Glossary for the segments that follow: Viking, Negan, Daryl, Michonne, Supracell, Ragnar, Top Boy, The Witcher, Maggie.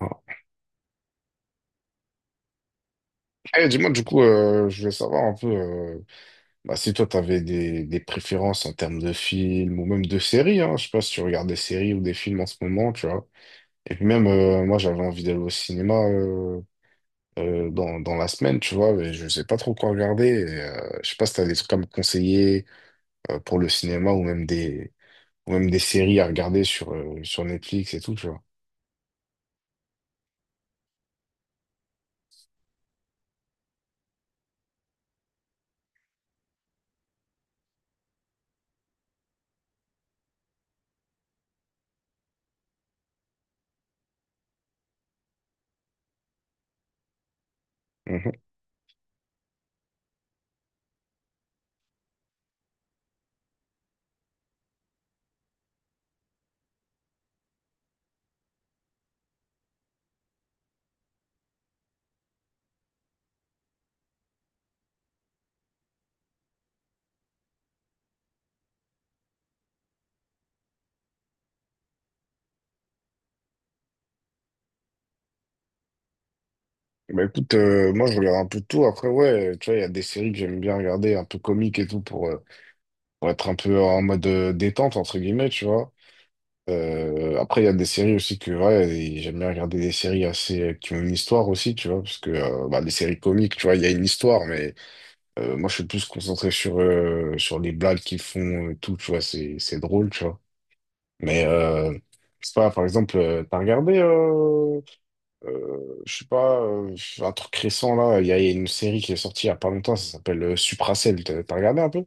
Ah. Eh, dis-moi, du coup, je voulais savoir un peu bah, si toi, tu avais des préférences en termes de films ou même de séries. Hein. Je sais pas si tu regardes des séries ou des films en ce moment, tu vois. Et puis même, moi, j'avais envie d'aller au cinéma dans la semaine, tu vois, mais je sais pas trop quoi regarder. Et, je sais pas si tu as des trucs à me conseiller pour le cinéma ou même ou même des séries à regarder sur, sur Netflix et tout, tu vois. Mhm. Bah écoute, moi je regarde un peu de tout. Après, ouais, tu vois, il y a des séries que j'aime bien regarder, un peu comiques et tout, pour être un peu en mode détente, entre guillemets, tu vois. Après, il y a des séries aussi que, ouais, et j'aime bien regarder des séries assez, qui ont une histoire aussi, tu vois, parce que bah, des séries comiques, tu vois, il y a une histoire, mais. Moi, je suis plus concentré sur, sur les blagues qu'ils font et tout, tu vois, c'est drôle, tu vois. Mais, euh, je sais pas, par exemple, t'as regardé, je sais pas, un truc récent, là, il y a une série qui est sortie il y a pas longtemps, ça s'appelle Supracelle, t'as regardé un peu?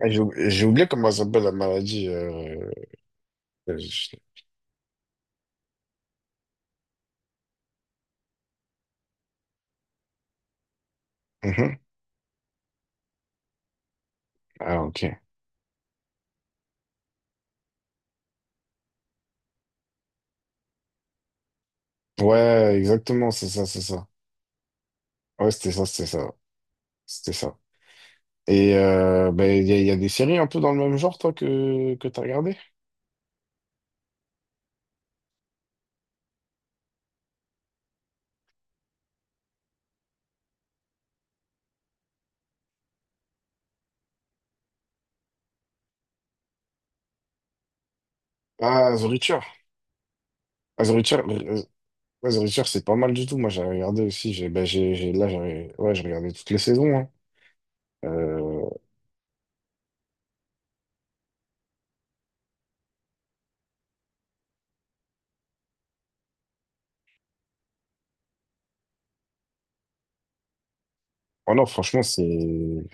J'ai oublié comment ça s'appelle la maladie. Euh, je- Mhm. Ah, ok. Ouais, exactement, c'est ça, c'est ça. Ouais, c'était ça, c'était ça. C'était ça. Et ben, il y a il y a des séries un peu dans le même genre, toi, que t'as regardé? Ah, The Witcher. Ah, The Witcher, ouais, The Witcher, c'est pas mal du tout. Moi, j'ai regardé aussi. J'ai, ben, j'ai- là, j'ai ouais, j'ai regardé toutes les saisons. Hein. Euh, oh non, franchement, c'est.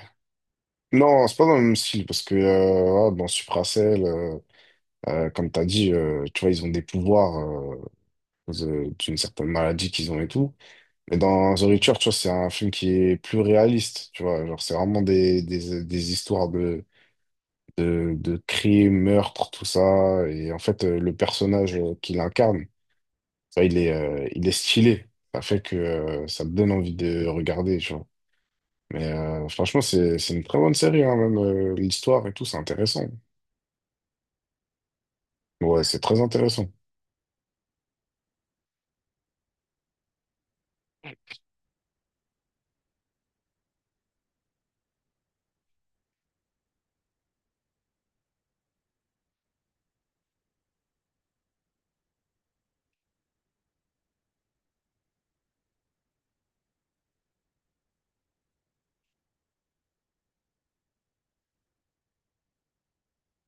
Non, c'est pas dans le même style parce que dans Supracell, comme t'as dit, tu vois, ils ont des pouvoirs d'une certaine maladie qu'ils ont et tout. Mais dans The Witcher, tu vois, c'est un film qui est plus réaliste. Tu vois, genre, c'est vraiment des histoires de de crimes, meurtres, tout ça. Et en fait, le personnage qu'il incarne, ça, il est stylé. Ça fait que ça me donne envie de regarder, tu vois. Mais franchement, c'est une très bonne série, hein, même l'histoire et tout, c'est intéressant. Ouais, c'est très intéressant.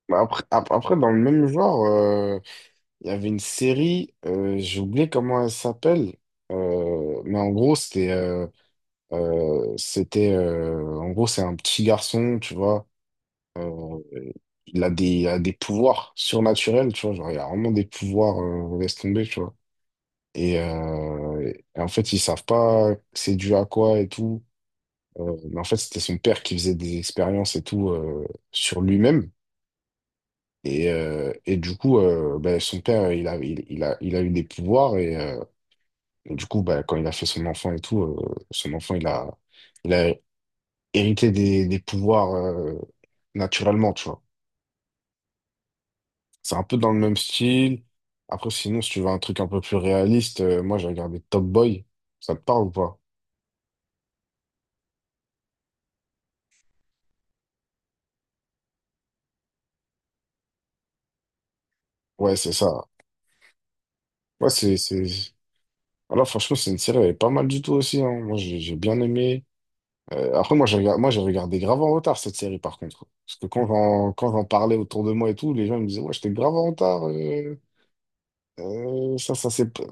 Mais après, après, dans le même genre, il y avait une série, j'ai oublié comment elle s'appelle, mais en gros, c'était, en gros, c'est un petit garçon, tu vois. Euh, il a des pouvoirs surnaturels, tu vois. Genre, il a vraiment des pouvoirs, laisse tomber, tu vois. Et en fait, ils savent pas c'est dû à quoi et tout. Mais en fait, c'était son père qui faisait des expériences et tout sur lui-même. Et du coup, ben, son père, il a eu des pouvoirs. Et du coup, ben, quand il a fait son enfant et tout, son enfant, il a hérité des pouvoirs naturellement, tu vois. C'est un peu dans le même style. Après, sinon, si tu veux un truc un peu plus réaliste, moi, j'ai regardé Top Boy. Ça te parle ou pas? Ouais, c'est ça. Ouais, c'est... Voilà, franchement, c'est une série, elle est pas mal du tout aussi. Hein. Moi, j'ai bien aimé. Après, moi, j'ai regardé grave en retard cette série, par contre. Parce que quand j'en parlais autour de moi et tout, les gens ils me disaient, ouais, j'étais grave en retard. Ça, ça, c'est...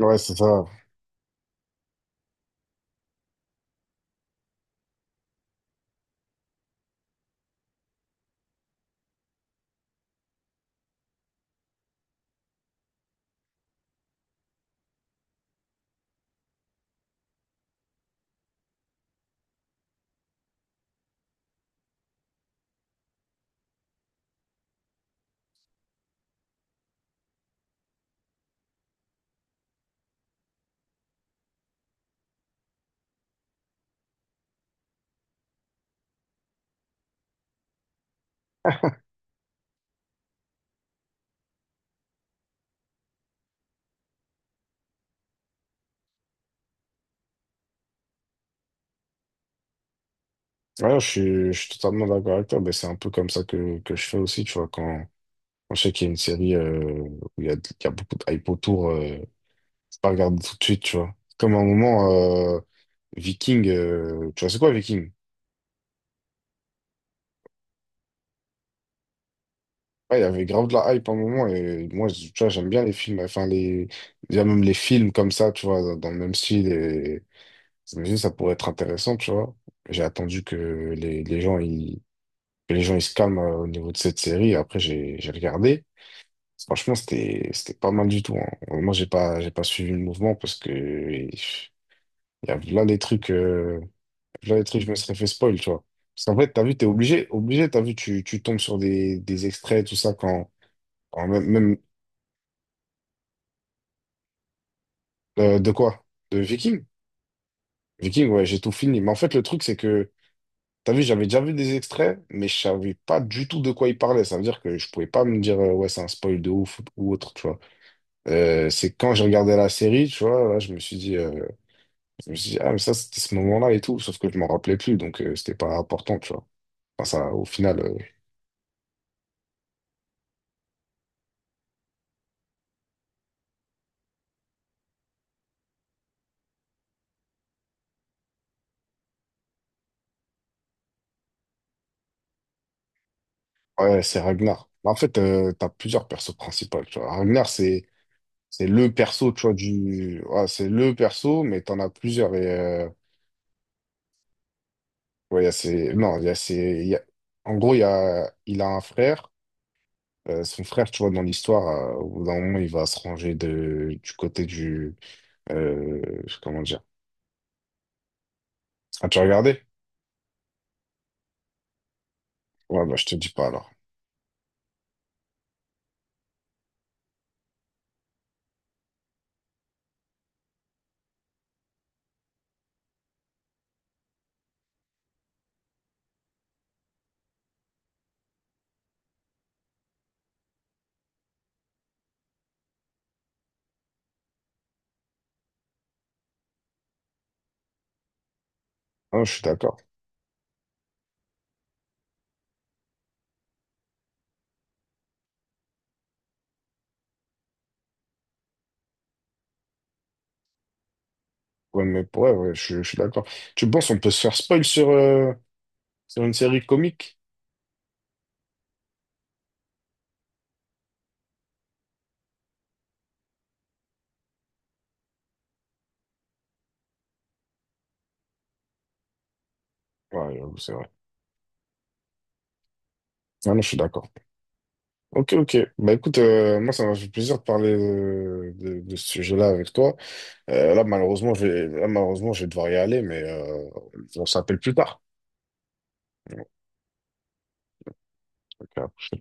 ouais, c'est ça. Ouais, je suis totalement d'accord avec toi. Ben c'est un peu comme ça que je fais aussi, tu vois, quand je sais qu'il y a une série où il y a beaucoup de hype autour, je pas regarder tout de suite, tu vois. Comme à un moment, Viking, tu vois, c'est quoi Viking? Ouais, il y avait grave de la hype à un moment et moi, tu vois, j'aime bien les films, enfin, les... il y a même les films comme ça, tu vois, dans le même style et je me suis dit, ça pourrait être intéressant, tu vois. J'ai attendu que les gens, ils... que les gens, ils se calment au niveau de cette série et après, j'ai regardé. Franchement, c'était pas mal du tout, hein. Moi, j'ai pas suivi le mouvement parce que il y a là des trucs, je me serais fait spoil, tu vois. Parce qu'en fait, t'as vu, obligé, t'as vu, tu tombes sur des extraits, tout ça, quand même, même euh, de quoi? De Viking? Viking, ouais, j'ai tout fini. Mais en fait, le truc, c'est que, t'as vu, j'avais déjà vu des extraits, mais je savais pas du tout de quoi il parlait. Ça veut dire que je pouvais pas me dire, ouais, c'est un spoil de ouf ou autre, tu vois. C'est quand j'ai regardé la série, tu vois, là, je me suis dit, je me suis dit, ah, mais ça, c'était ce moment-là et tout, sauf que je m'en rappelais plus, donc c'était pas important, tu vois. Enfin, ça, au final, ouais, c'est Ragnar. En fait, t'as plusieurs persos principaux, tu vois. Ragnar, c'est le perso, tu vois, du... ouais, c'est le perso, mais t'en as plusieurs. Et, ouais, il y a ses... Non, il y a ses... il y a- en gros, il y a... il a un frère. Son frère, tu vois, dans l'histoire, au bout d'un moment, il va se ranger de... du côté du... euh, comment dire? Ah, tu as regardé? Ouais, bah, je te dis pas alors. Ah, je suis d'accord. Ouais, mais ouais, ouais, je suis d'accord. Tu penses on peut se faire spoil sur, sur une série comique? Ouais, j'avoue, c'est vrai. Ah, non, je suis d'accord. Ok, ok. Bah écoute, moi ça m'a fait plaisir de parler de ce sujet-là avec toi. Là malheureusement, je vais devoir y aller, mais on s'appelle plus tard. Ok.